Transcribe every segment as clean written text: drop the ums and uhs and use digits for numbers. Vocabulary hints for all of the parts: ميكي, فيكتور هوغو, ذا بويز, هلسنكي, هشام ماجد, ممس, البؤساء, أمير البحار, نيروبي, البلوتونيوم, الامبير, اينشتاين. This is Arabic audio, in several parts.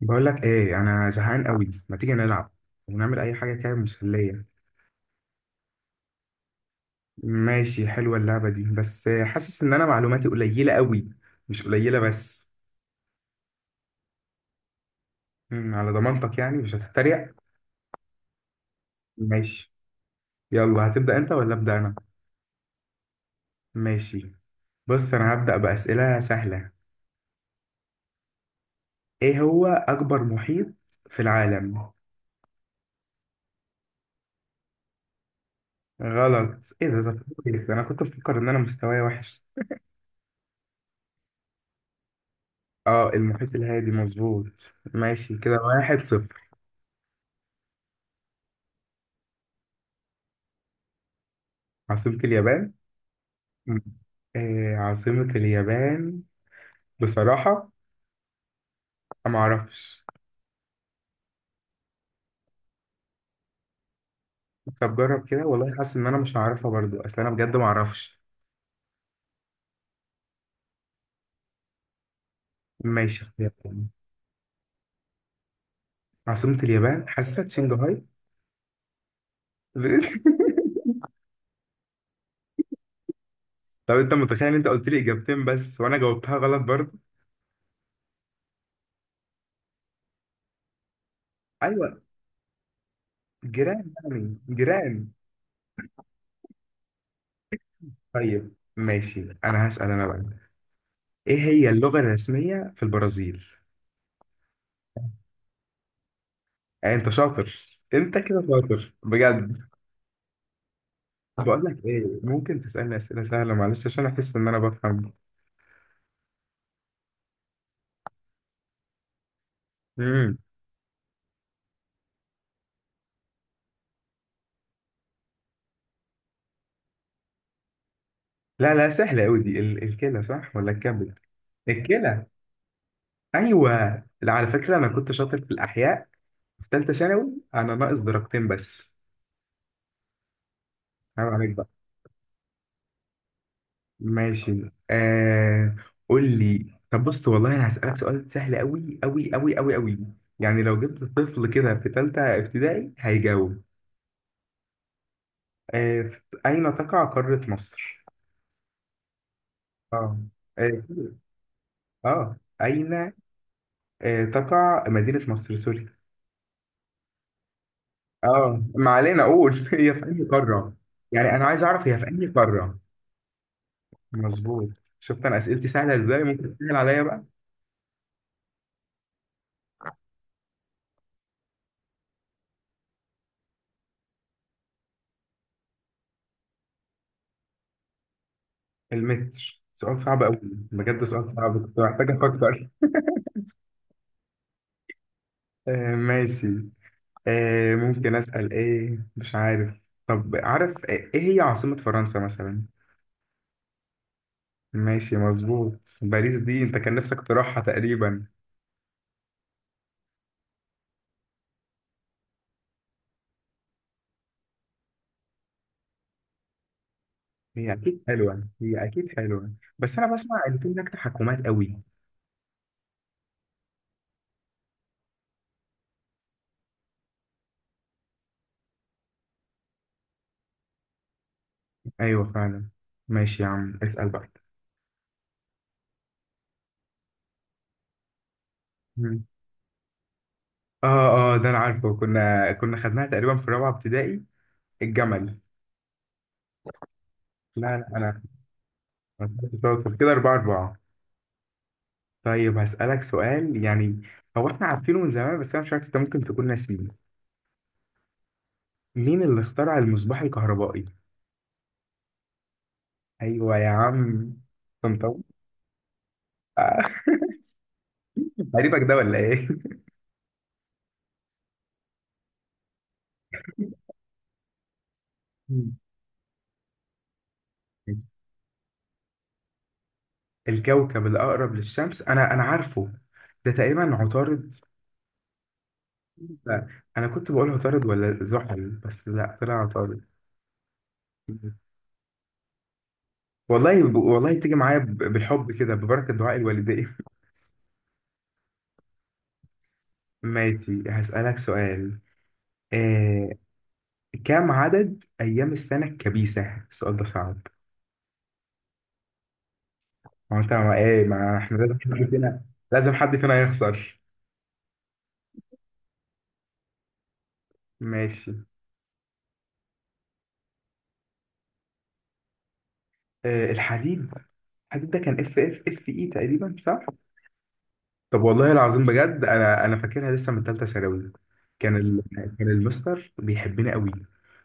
بقول لك ايه، انا زهقان قوي. ما تيجي نلعب ونعمل اي حاجه كده مسليه؟ ماشي، حلوه اللعبه دي، بس حاسس ان انا معلوماتي قليله قوي، مش قليله بس. على ضمانتك، يعني مش هتتريق؟ ماشي. يلا، هتبدا انت ولا ابدا انا؟ ماشي. بص، انا هبدا باسئله سهله. ايه هو اكبر محيط في العالم؟ غلط؟ ايه ده. ده كويس، انا كنت بفكر ان انا مستواي وحش. اه، المحيط الهادي، مظبوط. ماشي كده، 1-0. عاصمة اليابان. مم. إيه عاصمة اليابان؟ بصراحة أنا معرفش. طب جرب كده، والله حاسس إن أنا مش هعرفها برضو، أصل أنا بجد معرفش. ماشي، اختيار تاني. عاصمة اليابان حاسسها شنغهاي. طب أنت متخيل إن أنت قلت لي إجابتين بس وأنا جاوبتها غلط برضو؟ أيوة، جيران يعني، جيران. طيب ماشي، أنا هسأل أنا بقى. إيه هي اللغة الرسمية في البرازيل؟ يعني أنت شاطر، أنت كده شاطر بجد. بقول لك ايه، ممكن تسألني أسئلة سهلة معلش، عشان احس ان انا بفهم. امم لا لا، سهلة قوي دي. الكلى صح ولا الكبد؟ الكلى. ايوه. لا، على فكرة انا كنت شاطر في الاحياء، في ثالثة ثانوي، انا ناقص درجتين بس. عيب عليك بقى. ماشي. قول لي. طب بص، والله انا هسألك سؤال سهل قوي قوي قوي قوي قوي. يعني لو جبت طفل كده في ثالثة ابتدائي هيجاوب. اين تقع قارة مصر؟ اه. اه. أين تقع مدينة مصر. سوري. اه ما علينا. اقول هي في انهي قارة. يعني انا عايز اعرف هي في انهي قارة. مظبوط. شفت انا اسئلتي سهلة ازاي؟ ممكن تسهل عليا بقى. المتر. سؤال صعب قوي. بجد سؤال صعب، كنت محتاج افكر. ماشي. ممكن اسأل؟ ايه؟ مش عارف. طب عارف ايه هي عاصمة فرنسا مثلا؟ ماشي، مظبوط. باريس دي انت كان نفسك تروحها تقريبا. هي اكيد حلوة، هي اكيد حلوة. بس انا بسمع ان في هناك تحكمات قوي. ايوه فعلا. ماشي يا عم، اسال بقى. مم. اه. اه، ده انا عارفه، كنا خدناها تقريبا في رابعه ابتدائي. الجمل. لا لا، انا. أنا كنت شاطر كده، 4-4. طيب هسالك سؤال يعني. هو احنا عارفينه من زمان، بس انا مش عارف انت ممكن تكون ناسيه. مين اللي اخترع المصباح الكهربائي؟ ايوه يا عم، طنطاوي. آه، قريبك ده ولا ايه؟ مم. الكوكب الاقرب للشمس انا عارفه. ده تقريبا عطارد. لا، انا كنت بقول عطارد ولا زحل، بس لا، طلع عطارد. والله والله بتيجي معايا بالحب كده، ببركة دعاء الوالدين. ماشي، هسألك سؤال. آه، كم عدد أيام السنة الكبيسة؟ السؤال ده صعب. هو أنت ما إيه ما إحنا لازم حد فينا. لازم حد فينا يخسر. ماشي. الحديد. الحديد ده كان اف اي تقريبا، صح؟ طب والله العظيم بجد، انا فاكرها لسه من ثالثه ثانوي. كان ال... كان المستر بيحبني قوي.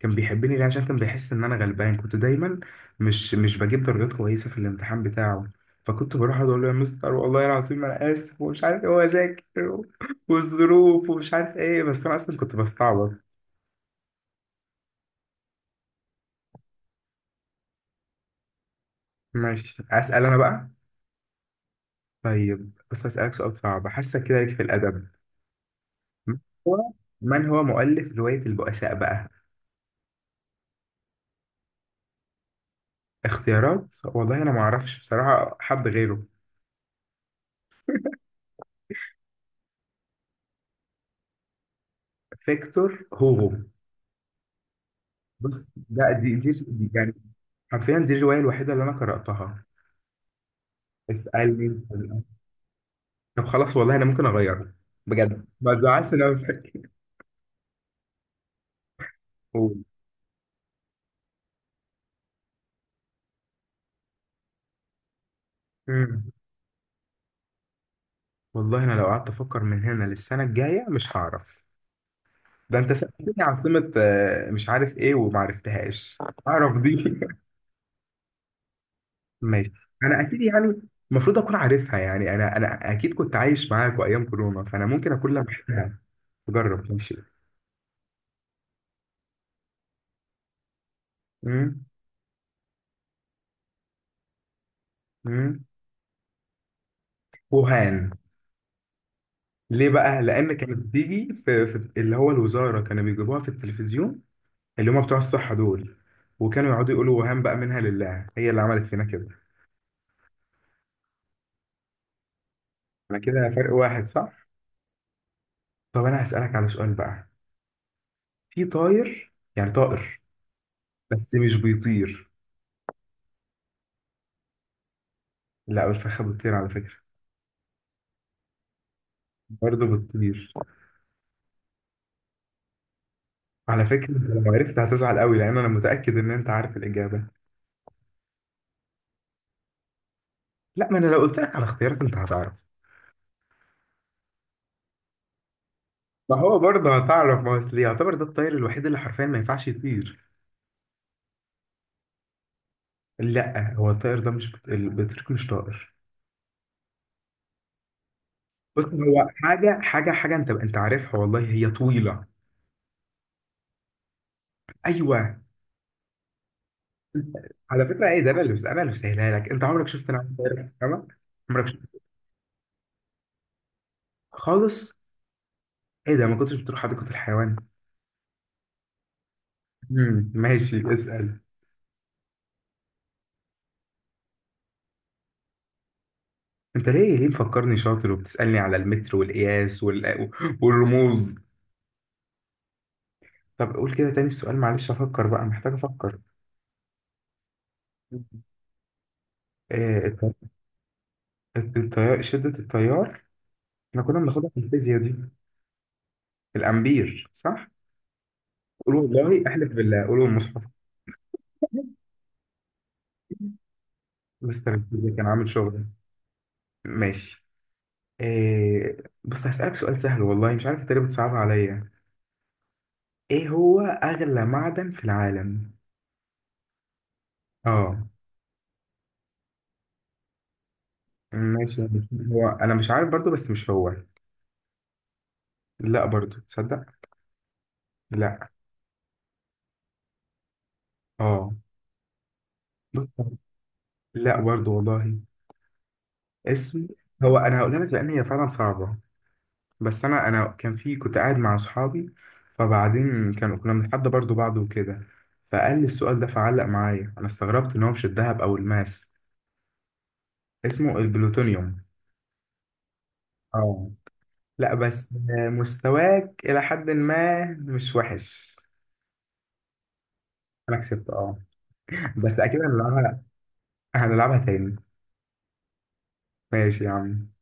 كان بيحبني ليه؟ عشان كان بيحس ان انا غلبان، كنت دايما مش بجيب درجات كويسه في الامتحان بتاعه. فكنت بروح اقعد اقول له، يا مستر والله العظيم انا اسف، ومش عارف ايه، واذاكر، والظروف، ومش عارف ايه، بس انا اصلا كنت بستعبط. ماشي، اسال انا بقى. طيب بص، اسالك سؤال صعب، حاسه كده ليك في الادب. من هو من هو مؤلف روايه البؤساء بقى؟ اختيارات؟ والله انا ما اعرفش بصراحه حد غيره. فيكتور هوغو. بص، ده يعني حرفيا دي الروايه الوحيده اللي انا قراتها. اسالني. طب خلاص، والله انا ممكن اغيره. بجد، ما تزعلش نفسك. قول. مم. والله انا لو قعدت افكر من هنا للسنه الجايه مش هعرف. ده انت سالتني عاصمه مش عارف ايه وما عرفتهاش. اعرف دي. ماشي. انا اكيد يعني المفروض اكون عارفها، يعني انا اكيد كنت عايش معاك وايام كورونا، فانا ممكن اكون لمحتها. جرب. ماشي. مم. مم. وهان. ليه بقى؟ لأن كانت بتيجي في اللي هو الوزارة، كانوا بيجيبوها في التلفزيون، اللي هم بتوع الصحة دول، وكانوا يقعدوا يقولوا وهان، بقى منها لله، هي اللي عملت فينا كده. أنا كده فرق واحد، صح؟ طب أنا هسألك على سؤال بقى. في طاير، يعني طائر، بس مش بيطير. لا، الفخة بتطير على فكرة. برضه بتطير. على فكرة أنت لو عرفت هتزعل قوي، لأن أنا متأكد إن أنت عارف الإجابة. لا، ما أنا لو قلت لك على اختيارات أنت هتعرف. ما هو برضه هتعرف، ما هو أصل يعتبر ده الطائر الوحيد اللي حرفيا ما ينفعش يطير. لا، هو الطائر ده مش البطريق مش طائر. بص، هو حاجة حاجة حاجة، انت عارفها والله، هي طويلة. ايوه. على فكرة ايه ده، انا اللي، بسهلها لك. انت عمرك شفت نعامة طائر في السما؟ عمرك شفت؟ خالص. ايه ده، ما كنتش بتروح حديقة الحيوان؟ ماشي، اسأل. انت ليه مفكرني شاطر وبتسألني على المتر والقياس والرموز؟ طب قول كده تاني السؤال معلش، افكر بقى، محتاج افكر. آه، التيار. شدة التيار، احنا كنا بناخدها في الفيزياء دي. الامبير، صح؟ قول والله، احلف بالله، قول المصحف. مستر الفيزياء كان عامل شغل. ماشي. إيه؟ بص، هسألك سؤال سهل، والله مش عارف انت ليه بتصعبها عليا. ايه هو اغلى معدن في العالم؟ اه. ماشي. هو انا مش عارف برضو، بس مش هو. لا برضو، تصدق. لا. اه. بص. لا برضو والله. اسم. هو انا هقولها لك، لان هي فعلا صعبة. بس انا كان في، كنت قاعد مع اصحابي، فبعدين كانوا، كنا بنتحدى برضو بعض وكده، فقال لي السؤال ده فعلق معايا. انا استغربت ان هو مش الذهب او الماس. اسمه البلوتونيوم. اه لا بس، مستواك الى حد ما مش وحش. انا كسبت، اه. بس اكيد هنلعبها. هنلعبها تاني. ماشي يا عم.